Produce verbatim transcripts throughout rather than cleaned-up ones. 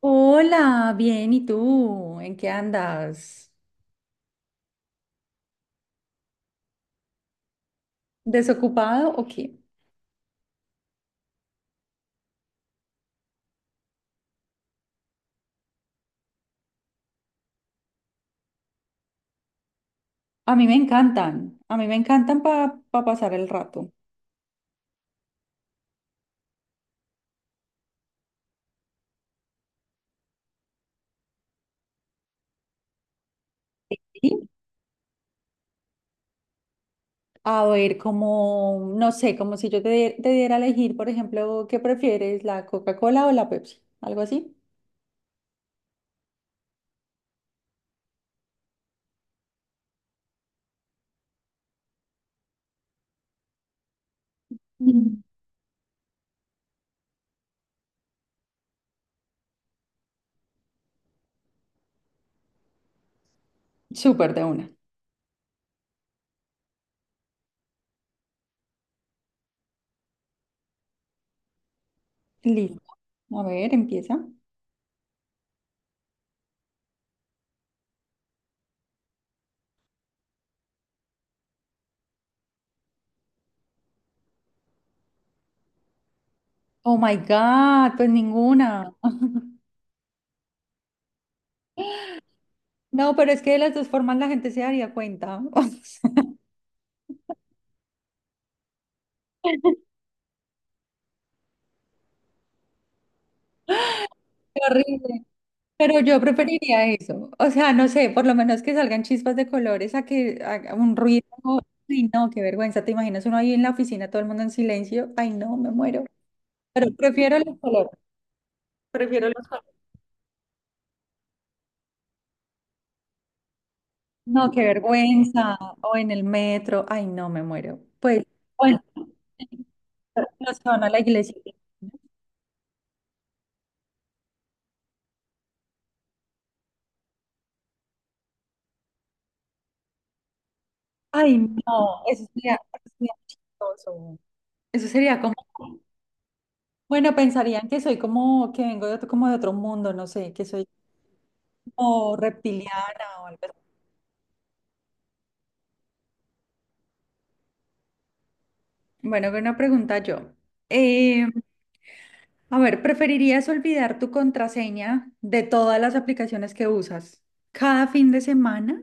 Hola, bien, ¿y tú? ¿En qué andas? ¿Desocupado o qué? A mí me encantan, a mí me encantan para pasar el rato. ¿Sí? A ver, como, no sé, como si yo te, die- te diera a elegir, por ejemplo, ¿qué prefieres, la Coca-Cola o la Pepsi? ¿Algo así? Mm. Súper de una. Listo. A ver, empieza. Oh my God, pues ninguna. No, pero es que de las dos formas la gente se daría cuenta. Qué horrible. Pero yo preferiría eso. O sea, no sé, por lo menos que salgan chispas de colores a que haga un ruido. Ay, no, qué vergüenza. ¿Te imaginas uno ahí en la oficina, todo el mundo en silencio? Ay, no, me muero. Pero prefiero los colores. Prefiero los colores. No, qué vergüenza. O en el metro. Ay, no, me muero. Pues, bueno, los que van a la iglesia. Ay, no, eso sería, eso sería chistoso. Eso sería como, bueno, pensarían que soy como, que vengo de otro, como de otro mundo, no sé, que soy o reptiliana o algo así. Bueno, una pregunta yo. Eh, a ver, ¿preferirías olvidar tu contraseña de todas las aplicaciones que usas cada fin de semana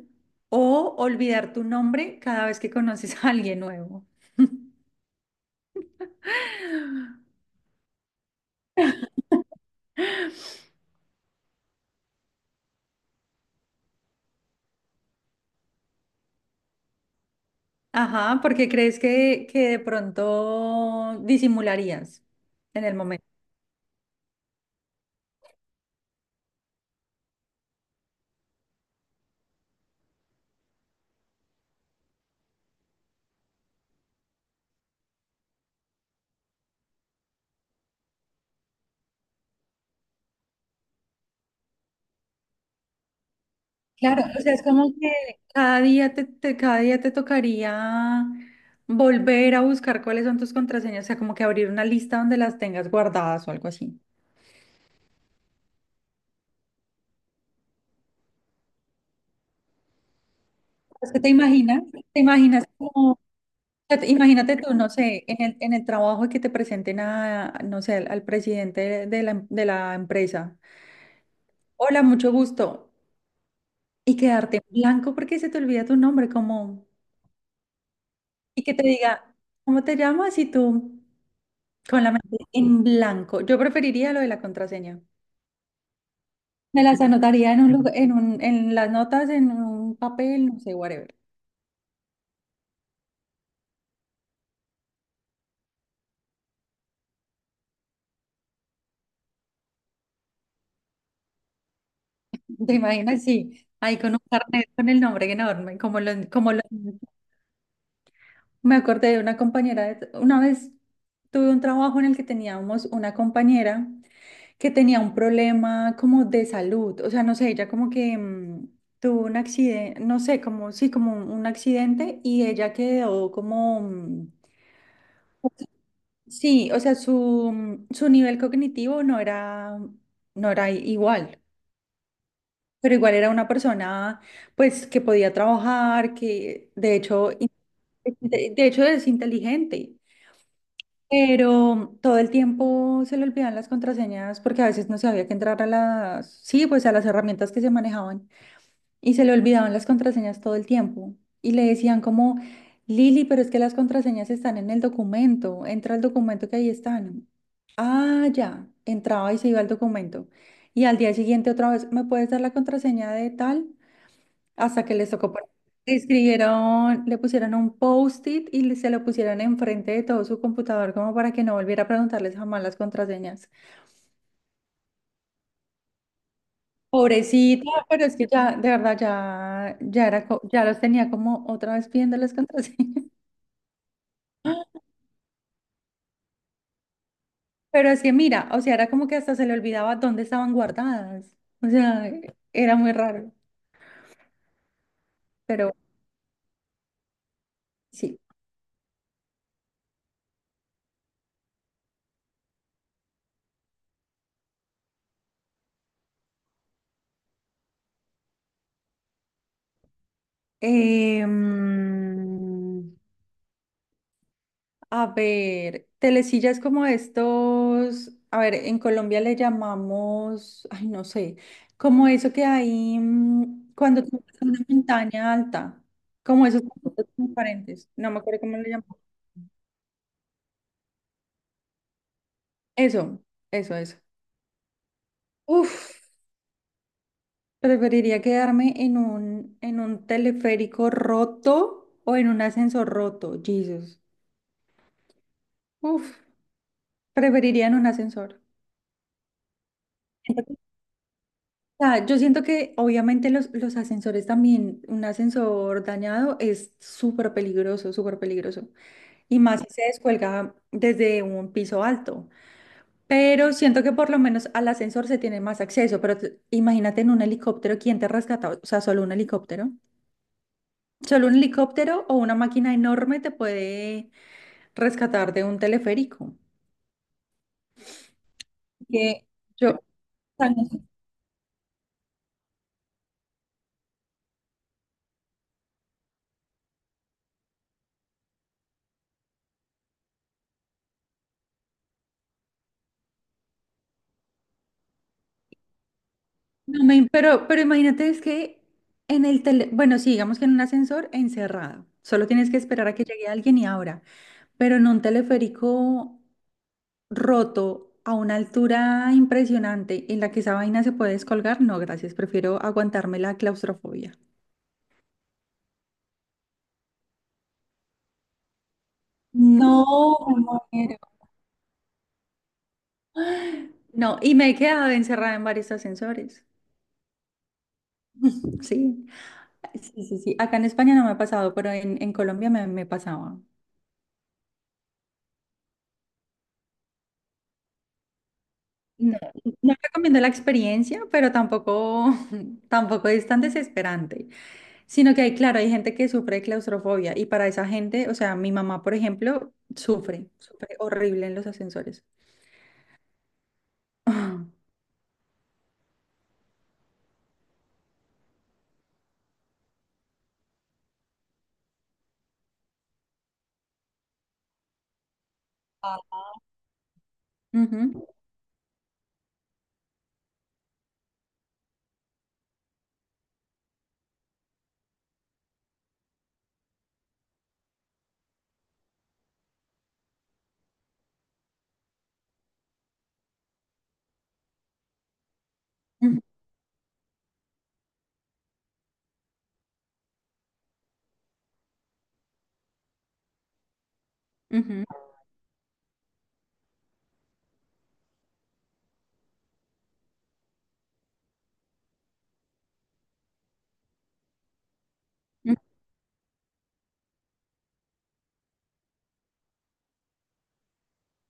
o olvidar tu nombre cada vez que conoces a alguien nuevo? Ajá, porque crees que, que de pronto disimularías en el momento. Claro, o sea, es como que cada día te, te- cada día te tocaría volver a buscar cuáles son tus contraseñas, o sea, como que abrir una lista donde las tengas guardadas o algo así. Es que te imaginas, te imaginas como, o sea, te- imagínate tú, no sé, en el, en el trabajo que te presenten a, no sé, al, al presidente de de la, em- de la empresa. Hola, mucho gusto. Y quedarte en blanco porque se te olvida tu nombre, como... y que te diga, ¿cómo te llamas? Y tú, con la mente en blanco. Yo preferiría lo de la contraseña. Me las anotaría en un lugar- en un, en las notas, en un papel, no sé, whatever. ¿Te imaginas? Sí, ahí con un carnet con el nombre enorme, como lo, como lo- me acordé de una compañera, de- una vez tuve un trabajo en el que teníamos una compañera que tenía un problema como de salud, o sea, no sé, ella como que mm, tuvo un accidente, no sé, como, sí, como un, un accidente y ella quedó como, mm, sí, o sea, su, mm, su nivel cognitivo no era, no era i- igual. Pero igual era una persona, pues, que podía trabajar, que de hecho, in- de de hecho es inteligente. Pero todo el tiempo se le olvidaban las contraseñas porque a veces no sabía que entrar a las, sí, pues a las herramientas que se manejaban y se le olvidaban las contraseñas todo el tiempo. Y le decían como, Lili, pero es que las contraseñas están en el documento, entra al documento que ahí están. Ah, ya, entraba y se iba al documento. Y al día siguiente otra vez, ¿me puedes dar la contraseña de tal? Hasta que les tocó poner- escribieron, le pusieron un post-it y le- se lo pusieron enfrente de todo su computador como para que no volviera a preguntarles jamás las contraseñas. Pobrecita, pero es que ya, de verdad, ya, ya era, co- ya los tenía como otra vez pidiendo las contraseñas. Pero es que mira, o sea, era como que hasta se le olvidaba dónde estaban guardadas. O sea, era muy raro, pero sí. Em, A ver, telesilla es como estos, a ver, en Colombia le llamamos, ay, no sé, como eso que hay mm, cuando tú vas a una montaña alta, como esos tapitos transparentes, no me acuerdo cómo le llamamos. Eso, eso, eso. Uf, preferiría quedarme en un, en un teleférico roto o en un ascensor roto, Jesus. Uf, preferiría en un ascensor. Sea, yo siento que obviamente los, los ascensores también, un ascensor dañado es súper peligroso, súper peligroso. Y más si se descuelga desde un piso alto. Pero siento que por lo menos al ascensor se tiene más acceso. Pero t- imagínate en un helicóptero, ¿quién te rescata? O sea, solo un helicóptero. Solo un helicóptero o una máquina enorme te puede rescatar de un teleférico. Que yo, no me- pero, pero imagínate, es que en el tele, bueno, sí, digamos que en un ascensor encerrado, solo tienes que esperar a que llegue alguien y abra, pero en un teleférico roto a una altura impresionante en la que esa vaina se puede descolgar, no, gracias, prefiero aguantarme la claustrofobia. No, me muero. No, y me he quedado encerrada en varios ascensores. Sí, sí, sí, sí. Acá en España no me ha pasado, pero en, en Colombia me, me pasaba. No, no recomiendo la experiencia, pero tampoco, tampoco es tan desesperante, sino que hay, claro, hay gente que sufre de claustrofobia y para esa gente, o sea, mi mamá, por ejemplo, sufre, sufre horrible en los ascensores.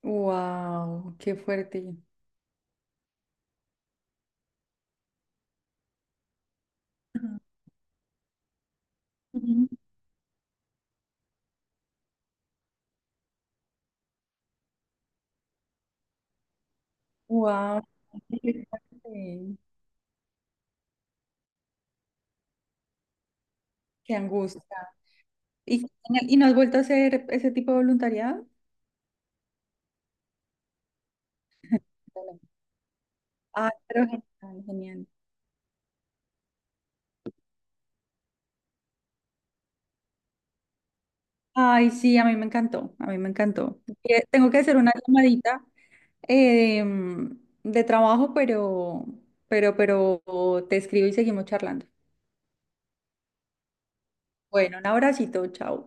Wow, qué fuerte. Wow, qué fuerte. Qué angustia. ¿Y, y no has vuelto a hacer ese tipo de voluntariado? Ah, pero genial, genial. Ay, sí, a mí me encantó, a mí me encantó. Eh, Tengo que hacer una llamadita eh, mm, de trabajo, pero, pero, pero te escribo y seguimos charlando. Bueno, un abracito, chao.